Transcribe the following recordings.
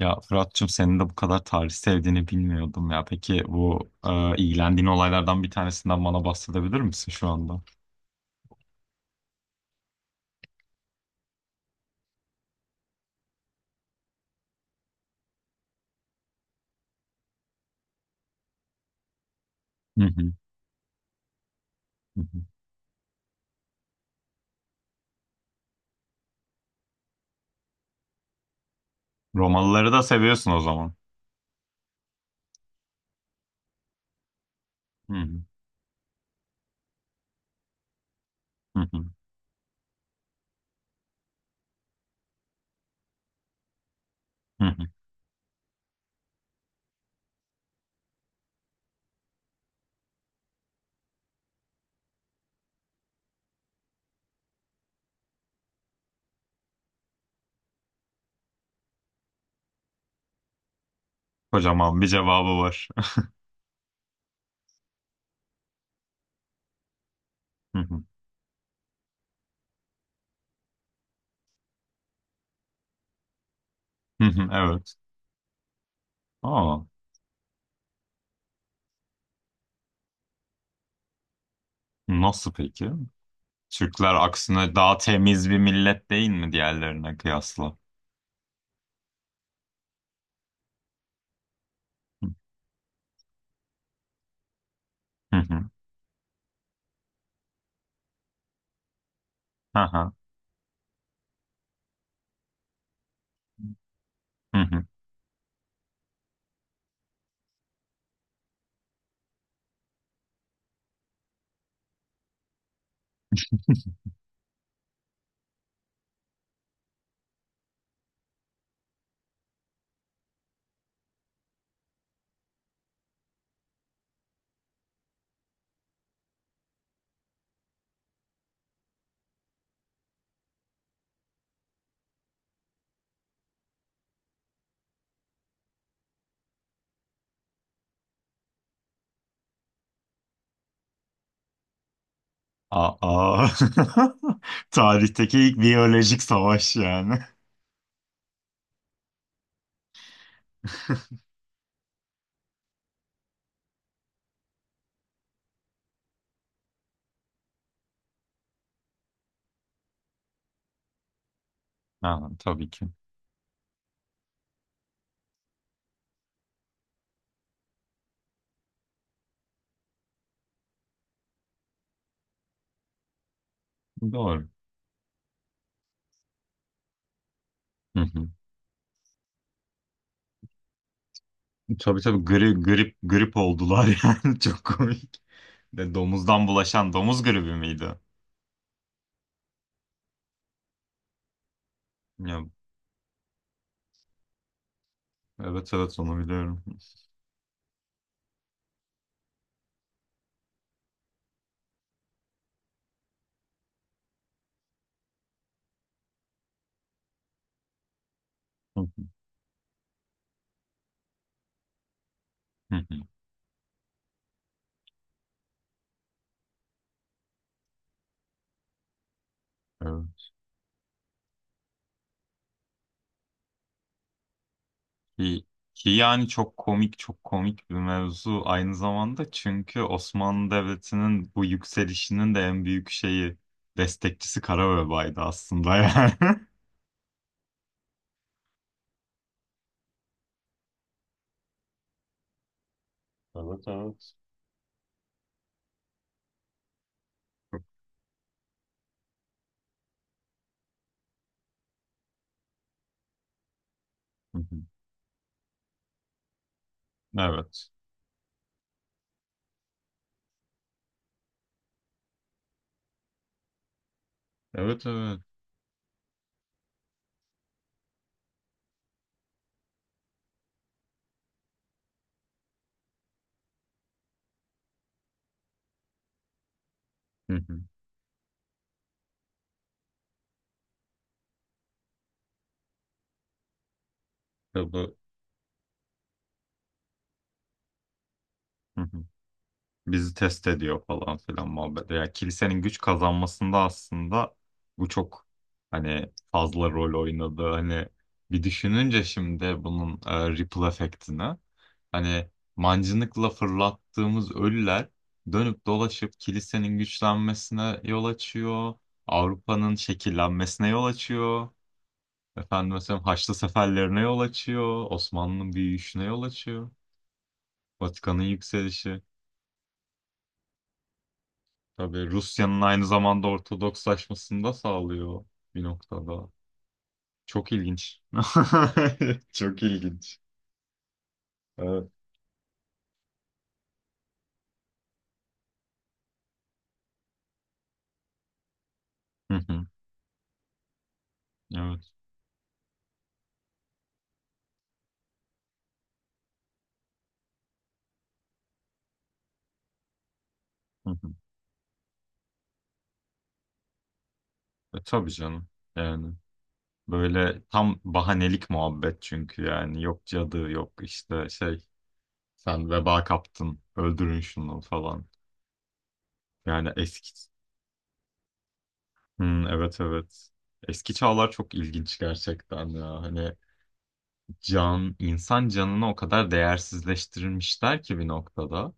Ya Fırat'cığım senin de bu kadar tarih sevdiğini bilmiyordum ya. Peki bu ilgilendiğin olaylardan bir tanesinden bana bahsedebilir misin şu anda? Hı hı, hı hı. Romalıları da seviyorsun o zaman. Hı hı, hı hı, hı hı. Kocaman bir cevabı var. Hı hı, hı hı, evet. Aa, nasıl peki? Türkler aksine daha temiz bir millet değil mi diğerlerine kıyasla? Hı hı. Hı hı. Hı hı. Aa. Tarihteki ilk biyolojik savaş yani. Ha, tabii ki. Doğru. Hı hı. Tabii tabii grip oldular yani çok komik. De domuzdan bulaşan domuz gribi miydi? Ya, evet evet onu biliyorum. Hı hı. Hı hı. Evet. Ki, ki yani çok komik çok komik bir mevzu aynı zamanda çünkü Osmanlı Devleti'nin bu yükselişinin de en büyük şeyi destekçisi Karabebay'dı aslında yani. Evet evet. Hı hı. Evet. Evet evet. Hı hı. Tabii. Hı hı. Bizi test ediyor falan filan muhabbet. Yani kilisenin güç kazanmasında aslında bu çok hani fazla rol oynadı. Hani bir düşününce şimdi bunun ripple efektini hani mancınıkla fırlattığımız ölüler dönüp dolaşıp kilisenin güçlenmesine yol açıyor. Avrupa'nın şekillenmesine yol açıyor. Efendim mesela Haçlı seferlerine yol açıyor. Osmanlı'nın büyüyüşüne yol açıyor. Vatikan'ın yükselişi. Tabii Rusya'nın aynı zamanda Ortodokslaşmasını da sağlıyor bir noktada. Çok ilginç. Çok ilginç. Evet. Hı hı. Evet. Hı hı. E, tabii canım. Yani böyle tam bahanelik muhabbet çünkü yani yok cadı yok işte şey sen veba kaptın öldürün şunu falan. Yani eski. Hı, evet evet. Eski çağlar çok ilginç gerçekten ya. Hani can, insan canını o kadar değersizleştirilmişler ki bir noktada.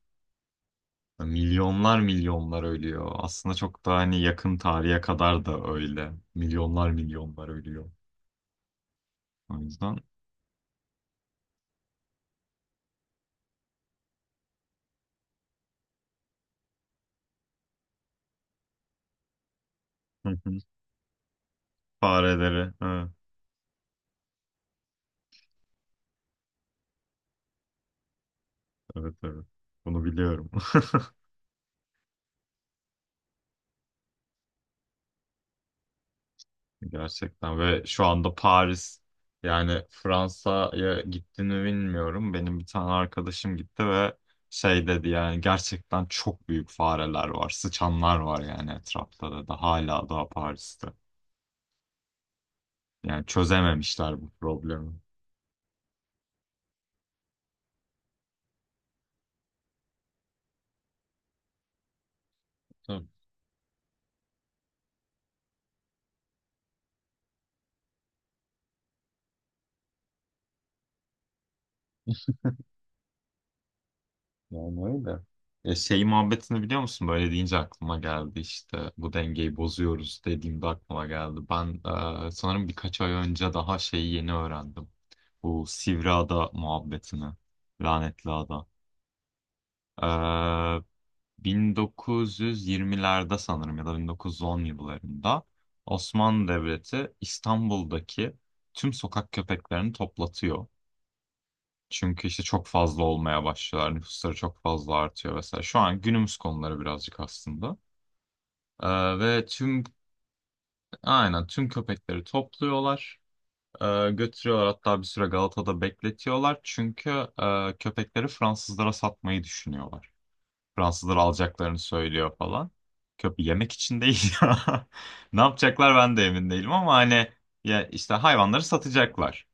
Milyonlar milyonlar ölüyor. Aslında çok da hani yakın tarihe kadar da öyle. Milyonlar milyonlar ölüyor. O yüzden hı hı, fareleri. Ha, evet evet. Bunu biliyorum. Gerçekten ve şu anda Paris yani Fransa'ya gitti mi bilmiyorum. Benim bir tane arkadaşım gitti ve şey dedi yani gerçekten çok büyük fareler var. Sıçanlar var yani etrafta da hala daha Paris'te. Yani çözememişler bu problemi. Tabii. Yani öyle. E, şey muhabbetini biliyor musun? Böyle deyince aklıma geldi işte bu dengeyi bozuyoruz dediğimde aklıma geldi. Ben sanırım birkaç ay önce daha şeyi yeni öğrendim. Bu Sivri Ada muhabbetini. Lanetli Ada. E, 1920'lerde sanırım ya da 1910 yıllarında Osmanlı Devleti İstanbul'daki tüm sokak köpeklerini toplatıyor. Çünkü işte çok fazla olmaya başlıyorlar. Nüfusları çok fazla artıyor vesaire. Şu an günümüz konuları birazcık aslında. Ee, ve tüm aynen tüm köpekleri topluyorlar. Götürüyorlar hatta bir süre Galata'da bekletiyorlar. Çünkü köpekleri Fransızlara satmayı düşünüyorlar. Fransızlar alacaklarını söylüyor falan. Köpe yemek için değil ya. Ne yapacaklar ben de emin değilim ama hani ya işte hayvanları satacaklar.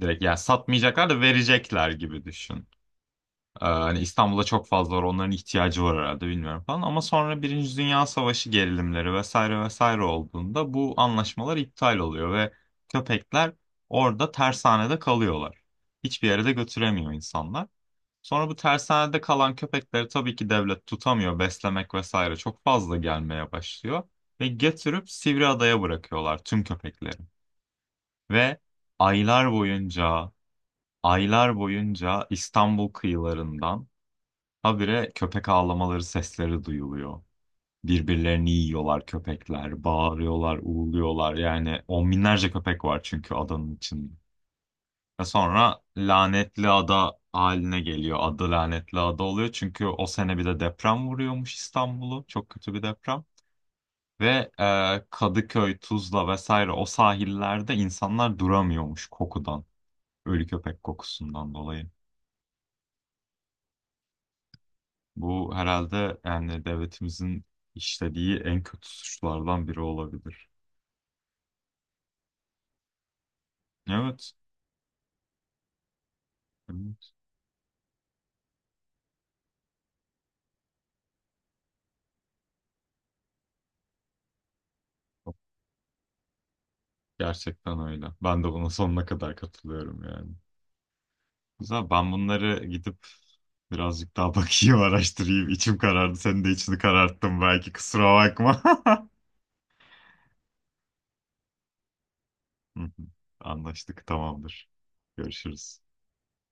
Direkt yani satmayacaklar da verecekler gibi düşün. Hani İstanbul'da çok fazla var onların ihtiyacı var herhalde bilmiyorum falan ama sonra Birinci Dünya Savaşı gerilimleri vesaire vesaire olduğunda bu anlaşmalar iptal oluyor ve köpekler orada tersanede kalıyorlar. Hiçbir yere de götüremiyor insanlar. Sonra bu tersanede kalan köpekleri tabii ki devlet tutamıyor beslemek vesaire çok fazla gelmeye başlıyor ve getirip Sivriada'ya bırakıyorlar tüm köpekleri ve aylar boyunca aylar boyunca İstanbul kıyılarından habire köpek ağlamaları sesleri duyuluyor. Birbirlerini yiyorlar köpekler, bağırıyorlar, uğurluyorlar. Yani on binlerce köpek var çünkü adanın içinde. Ve sonra lanetli ada haline geliyor. Adı lanetli ada oluyor. Çünkü o sene bir de deprem vuruyormuş İstanbul'u. Çok kötü bir deprem. Ve Kadıköy, Tuzla vesaire o sahillerde insanlar duramıyormuş kokudan. Ölü köpek kokusundan dolayı. Bu herhalde yani devletimizin işlediği en kötü suçlardan biri olabilir. Evet. Evet. Gerçekten öyle. Ben de buna sonuna kadar katılıyorum yani. Güzel. Ben bunları gidip birazcık daha bakayım, araştırayım. İçim karardı. Senin de içini kararttım belki. Kusura bakma. Hı hı. Anlaştık. Tamamdır. Görüşürüz.